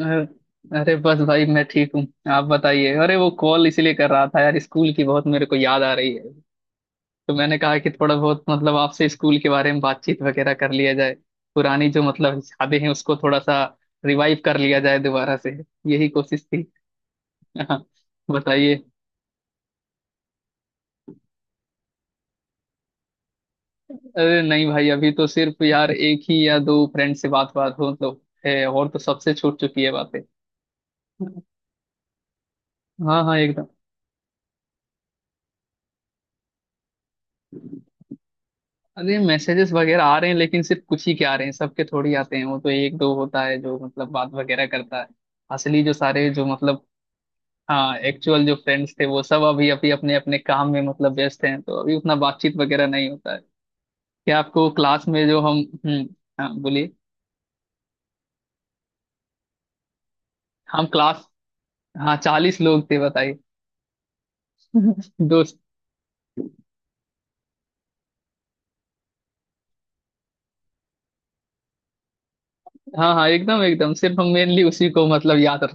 अ- अरे बस भाई मैं ठीक हूँ। आप बताइए। अरे वो कॉल इसीलिए कर रहा था यार, स्कूल की बहुत मेरे को याद आ रही है। तो मैंने कहा कि थोड़ा बहुत मतलब आपसे स्कूल के बारे में बातचीत वगैरह कर लिया जाए। पुरानी जो मतलब यादें हैं उसको थोड़ा सा रिवाइव कर लिया जाए दोबारा से। यही कोशिश थी। हाँ, बताइए। अरे नहीं भाई, अभी तो सिर्फ यार एक ही या दो फ्रेंड से बात बात हो तो है, और तो सबसे छूट चुकी है बातें। हाँ हाँ, एकदम। अरे मैसेजेस वगैरह आ रहे हैं लेकिन सिर्फ कुछ ही के आ रहे हैं, सबके थोड़ी आते हैं। वो तो एक दो होता है जो मतलब बात वगैरह करता है। असली जो सारे जो मतलब। हाँ, एक्चुअल जो फ्रेंड्स थे वो सब अभी अभी अपने अपने काम में मतलब व्यस्त हैं, तो अभी उतना बातचीत वगैरह नहीं होता है। क्या आपको क्लास में जो हम। हम्म। हाँ, बोलिए। हम क्लास। हाँ, 40 लोग थे। बताइए। दोस्त। हाँ हाँ, एकदम एकदम सिर्फ हम मेनली उसी को मतलब याद रख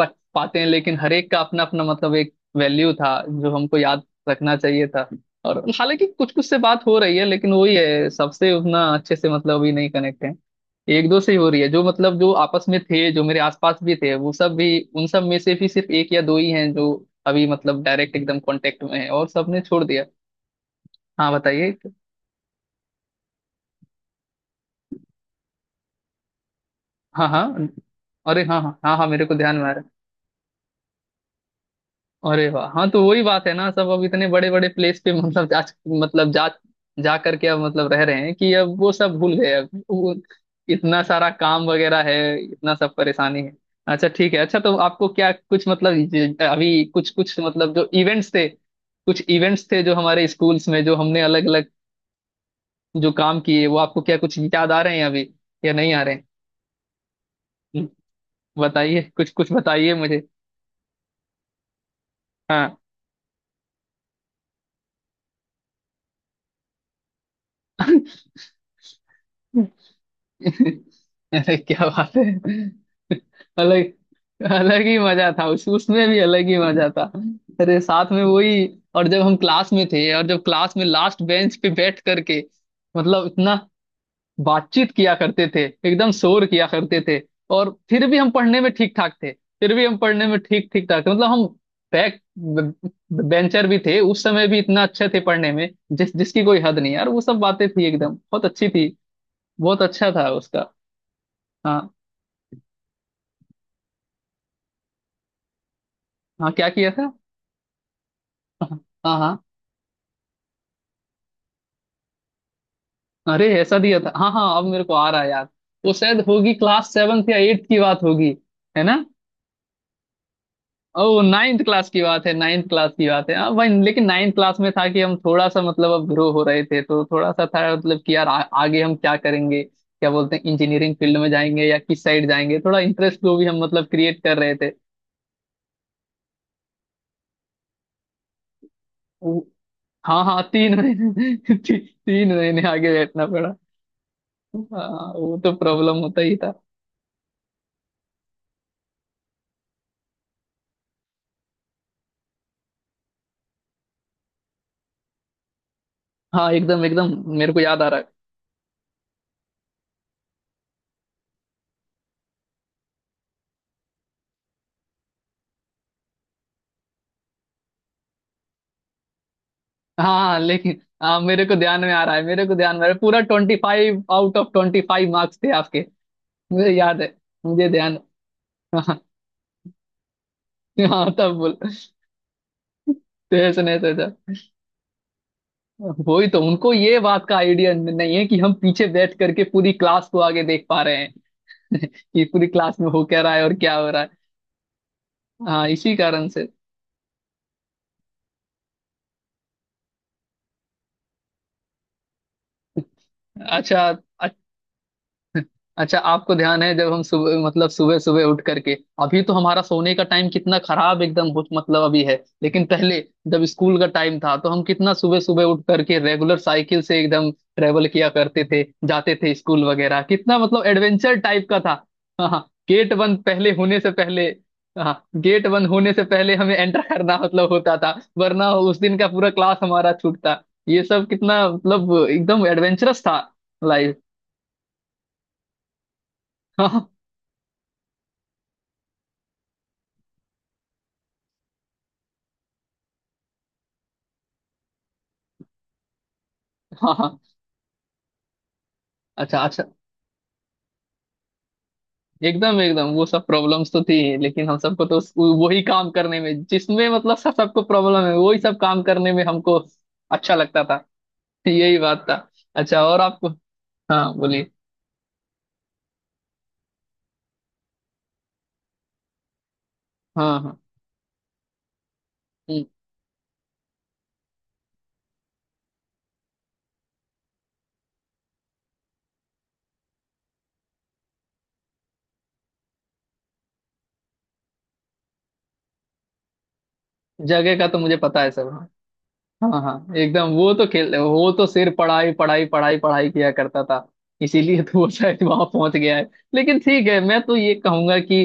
रख पाते हैं, लेकिन हर एक का अपना अपना मतलब एक वैल्यू था जो हमको याद रखना चाहिए था। और हालांकि कुछ कुछ से बात हो रही है लेकिन वही है, सबसे उतना अच्छे से मतलब अभी नहीं कनेक्ट है। एक दो से ही हो रही है, जो मतलब जो आपस में थे, जो मेरे आसपास भी थे, वो सब भी उन सब में से भी सिर्फ एक या दो ही हैं जो अभी मतलब डायरेक्ट एकदम कांटेक्ट में है, और सबने छोड़ दिया। हाँ, बताइए। हाँ हाँ। अरे हाँ हाँ हाँ हाँ, मेरे को ध्यान में आ रहा है। अरे वाह, हाँ तो वही बात है ना, सब अब इतने बड़े बड़े प्लेस पे मतलब जा जा करके अब मतलब रह रहे हैं कि अब वो सब भूल गए। अब वो इतना सारा काम वगैरह है, इतना सब परेशानी है। अच्छा ठीक है। अच्छा, तो आपको क्या कुछ मतलब अभी कुछ कुछ मतलब जो इवेंट्स थे कुछ इवेंट्स थे जो हमारे स्कूल्स में जो हमने अलग अलग जो काम किए, वो आपको क्या कुछ याद आ रहे हैं अभी, या नहीं आ रहे हैं? हम्म, बताइए कुछ कुछ बताइए मुझे। हाँ। अरे क्या बात है। अलग अलग ही मजा था उस उसमें भी अलग ही मजा था। अरे साथ में वही। और जब हम क्लास में थे और जब क्लास में लास्ट बेंच पे बैठ करके मतलब इतना बातचीत किया करते थे, एकदम शोर किया करते थे, और फिर भी हम पढ़ने में ठीक ठाक थे। फिर भी हम पढ़ने में ठीक ठीक ठाक थे, मतलब हम बैक बेंचर भी थे उस समय भी, इतना अच्छे थे पढ़ने में। जिस जिसकी कोई हद नहीं यार, वो सब बातें थी एकदम बहुत अच्छी थी। बहुत अच्छा था उसका। हाँ। हाँ, क्या किया था? हाँ हाँ। अरे ऐसा दिया था। हाँ हाँ, अब मेरे को आ रहा है यार। वो शायद होगी क्लास सेवन्थ या एट्थ की बात होगी, है ना? ओ नाइन्थ क्लास की बात है, नाइन्थ क्लास की बात है। हाँ भाई, लेकिन नाइन्थ क्लास में था कि हम थोड़ा सा मतलब अब ग्रो हो रहे थे, तो थोड़ा सा था मतलब कि यार आगे हम क्या करेंगे, क्या बोलते हैं, इंजीनियरिंग फील्ड में जाएंगे या किस साइड जाएंगे, थोड़ा इंटरेस्ट को भी हम मतलब क्रिएट कर रहे थे। वो- हाँ हाँ, 3 महीने। 3 महीने आगे बैठना पड़ा। हाँ, वो तो प्रॉब्लम होता ही। हाँ, एकदम एकदम मेरे को याद आ रहा है। हाँ हाँ, लेकिन हाँ, मेरे को ध्यान में आ रहा है, मेरे को ध्यान में आ रहा है। पूरा 25 आउट ऑफ 25 मार्क्स थे आपके। मुझे याद है, मुझे ध्यान। हाँ। हाँ, तब बोल, तो ऐसे नहीं तो ऐसा। वही तो, उनको ये बात का आइडिया नहीं है कि हम पीछे बैठ करके पूरी क्लास को आगे देख पा रहे हैं। कि पूरी क्लास में हो क्या रहा है और क्या हो रहा है। हाँ, इसी कारण से। अच्छा। अच्छा, आपको ध्यान है जब हम सुबह मतलब सुबह सुबह उठ करके, अभी तो हमारा सोने का टाइम कितना खराब एकदम मतलब अभी है। लेकिन पहले, जब स्कूल का टाइम था, तो हम कितना सुबह सुबह उठ करके रेगुलर साइकिल से एकदम ट्रेवल किया करते थे, जाते थे स्कूल वगैरह, कितना मतलब एडवेंचर टाइप का था। हाँ, गेट बंद पहले होने से पहले। हाँ, गेट बंद होने से पहले हमें एंटर करना मतलब होता था, वरना उस दिन का पूरा क्लास हमारा छूटता। ये सब कितना मतलब एकदम एडवेंचरस था लाइफ। हाँ हाँ हाँ, हाँ। अच्छा अच्छा, एकदम एकदम वो सब प्रॉब्लम्स तो थी, लेकिन हम सबको तो वही काम करने में, जिसमें मतलब सब सबको प्रॉब्लम है, वही सब काम करने में हमको अच्छा लगता था। यही बात था। अच्छा, और आपको। हाँ, बोलिए। हाँ हाँ। हम्म, जगह का तो मुझे पता है सब। हाँ। हाँ हाँ, एकदम वो तो सिर्फ पढ़ाई पढ़ाई पढ़ाई पढ़ाई किया करता था। इसीलिए तो वो शायद वहां पहुंच गया है। लेकिन ठीक है, मैं तो ये कहूंगा कि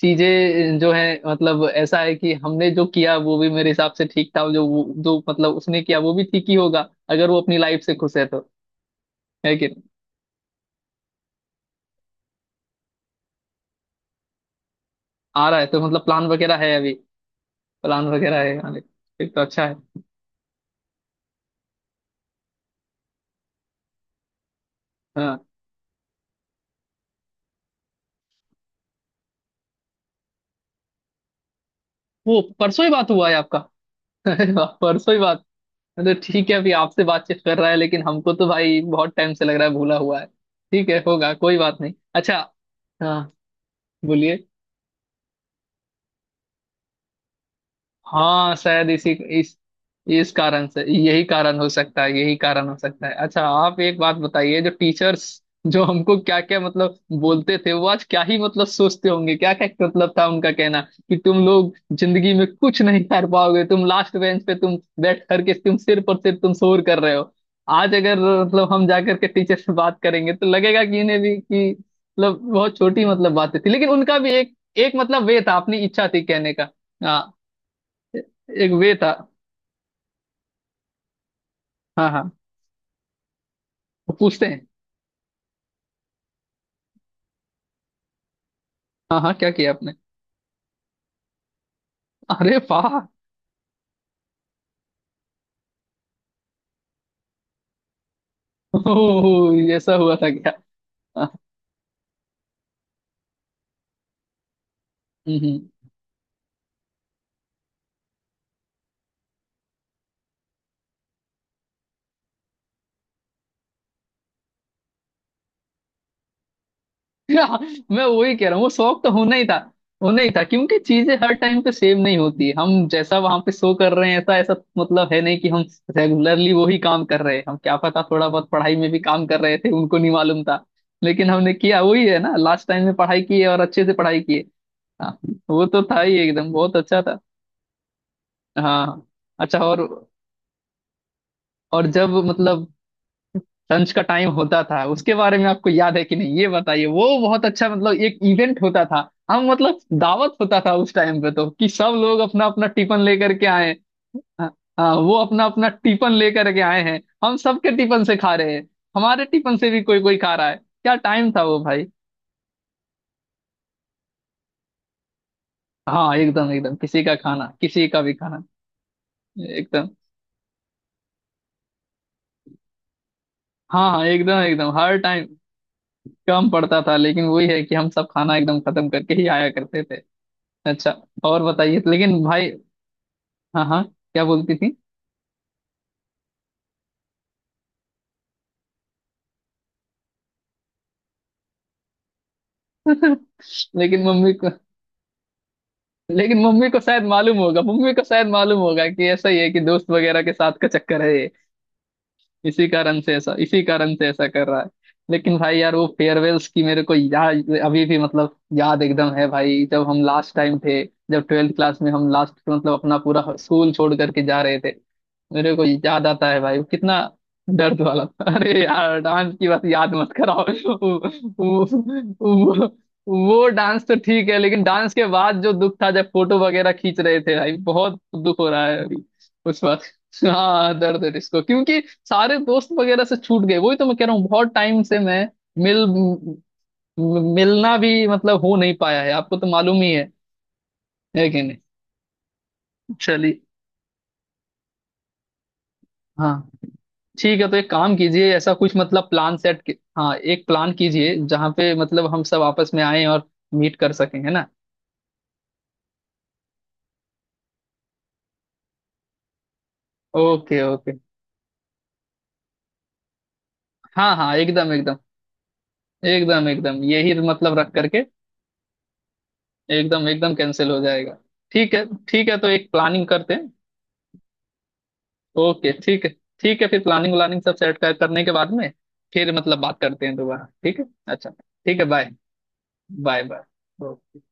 चीजें जो है मतलब ऐसा है कि हमने जो किया वो भी मेरे हिसाब से ठीक था, जो जो मतलब उसने किया वो भी ठीक ही होगा, अगर वो अपनी लाइफ से खुश है तो। है कि नहीं? आ रहा है तो मतलब प्लान वगैरह है अभी? प्लान वगैरह है आने-? फिर तो अच्छा है। हाँ, वो परसों ही बात हुआ है आपका? परसों ही बात। मतलब ठीक है, अभी आपसे बातचीत कर रहा है, लेकिन हमको तो भाई बहुत टाइम से लग रहा है भूला हुआ है। ठीक है, होगा, कोई बात नहीं। अच्छा। हाँ, बोलिए। हाँ शायद इसी इस इस कारण से, यही कारण हो सकता है, यही कारण हो सकता है। अच्छा, आप एक बात बताइए, जो टीचर्स जो हमको क्या क्या मतलब बोलते थे, वो आज क्या ही मतलब सोचते होंगे, क्या क्या मतलब था उनका कहना, कि तुम लोग जिंदगी में कुछ नहीं कर पाओगे, तुम लास्ट बेंच पे तुम बैठ करके तुम सिर पर सिर तुम शोर कर रहे हो। आज अगर मतलब हम जाकर के टीचर से बात करेंगे, तो लगेगा कि इन्हें भी कि मतलब बहुत छोटी मतलब बातें थी, लेकिन उनका भी एक एक मतलब वे था, अपनी इच्छा थी कहने का। हाँ, एक वे था। हाँ हाँ। वो पूछते हैं? हाँ हाँ, क्या किया आपने? अरे वाह! ओह, ये ऐसा हुआ था क्या? हाँ। हम्म हम्म। हाँ, मैं वही कह रहा हूँ, वो शौक तो होना ही था। होना ही था, क्योंकि चीजें हर टाइम पे सेम नहीं होती, हम जैसा वहां पे शो कर रहे हैं ऐसा ऐसा मतलब है नहीं कि हम रेगुलरली वही काम कर रहे हैं। हम क्या पता, थोड़ा बहुत पढ़ाई में भी काम कर रहे थे, उनको नहीं मालूम था। लेकिन हमने किया वही है ना, लास्ट टाइम में पढ़ाई की है, और अच्छे से पढ़ाई की है। हाँ, वो तो था ही, एकदम बहुत अच्छा था। हाँ हाँ। अच्छा, और जब मतलब लंच का टाइम होता था, उसके बारे में आपको याद है कि नहीं ये बताइए। वो बहुत अच्छा मतलब एक इवेंट होता था, हम मतलब दावत होता था उस टाइम पे तो, कि सब लोग अपना अपना टिफिन लेकर के आए। हाँ हाँ, वो अपना अपना टिफिन लेकर के आए हैं, हम सबके टिफिन से खा रहे हैं, हमारे टिफिन से भी कोई कोई खा रहा है, क्या टाइम था वो भाई। हाँ, एकदम एकदम, किसी का खाना, किसी का भी खाना एकदम। हाँ हाँ, एकदम एकदम हर टाइम। कम पड़ता था, लेकिन वही है कि हम सब खाना एकदम खत्म करके ही आया करते थे। अच्छा, और बताइए लेकिन भाई। हाँ हाँ, क्या बोलती थी? लेकिन मम्मी को लेकिन मम्मी को शायद मालूम होगा, मम्मी को शायद मालूम होगा, कि ऐसा ही है, कि दोस्त वगैरह के साथ का चक्कर है ये। इसी कारण से ऐसा, इसी कारण से ऐसा कर रहा है। लेकिन भाई यार, वो फेयरवेल्स की मेरे को याद अभी भी मतलब, याद एकदम है भाई, जब हम लास्ट टाइम थे, जब 12th क्लास में हम लास्ट मतलब अपना पूरा स्कूल छोड़ करके जा रहे थे। मेरे को याद आता है भाई, वो कितना दर्द वाला था। अरे यार, डांस की बात याद मत कराओ। वो, वो, वो डांस तो ठीक है, लेकिन डांस के बाद जो दुख था, जब फोटो वगैरह खींच रहे थे, भाई बहुत दुख हो रहा है अभी, उस वक्त। हाँ, दर्द है इसको, क्योंकि सारे दोस्त वगैरह से छूट गए। वही तो मैं कह रहा हूँ, बहुत टाइम से मैं मिल मिलना भी मतलब हो नहीं पाया है। आपको तो मालूम ही है कि नहीं? चलिए, हाँ ठीक है। तो एक काम कीजिए, ऐसा कुछ मतलब प्लान सेट हाँ एक प्लान कीजिए, जहाँ पे मतलब हम सब आपस में आए और मीट कर सकें, है ना? Okay okay. हाँ हाँ, एकदम एकदम, एकदम एकदम यही मतलब रख करके। एकदम एकदम कैंसिल हो जाएगा। ठीक है ठीक है, तो एक प्लानिंग करते हैं। ओके, ठीक है। ठीक है, फिर प्लानिंग व्लानिंग सब सेट करने के बाद में, फिर मतलब बात करते हैं दोबारा, ठीक है? अच्छा ठीक है, बाय। बाय। बाय।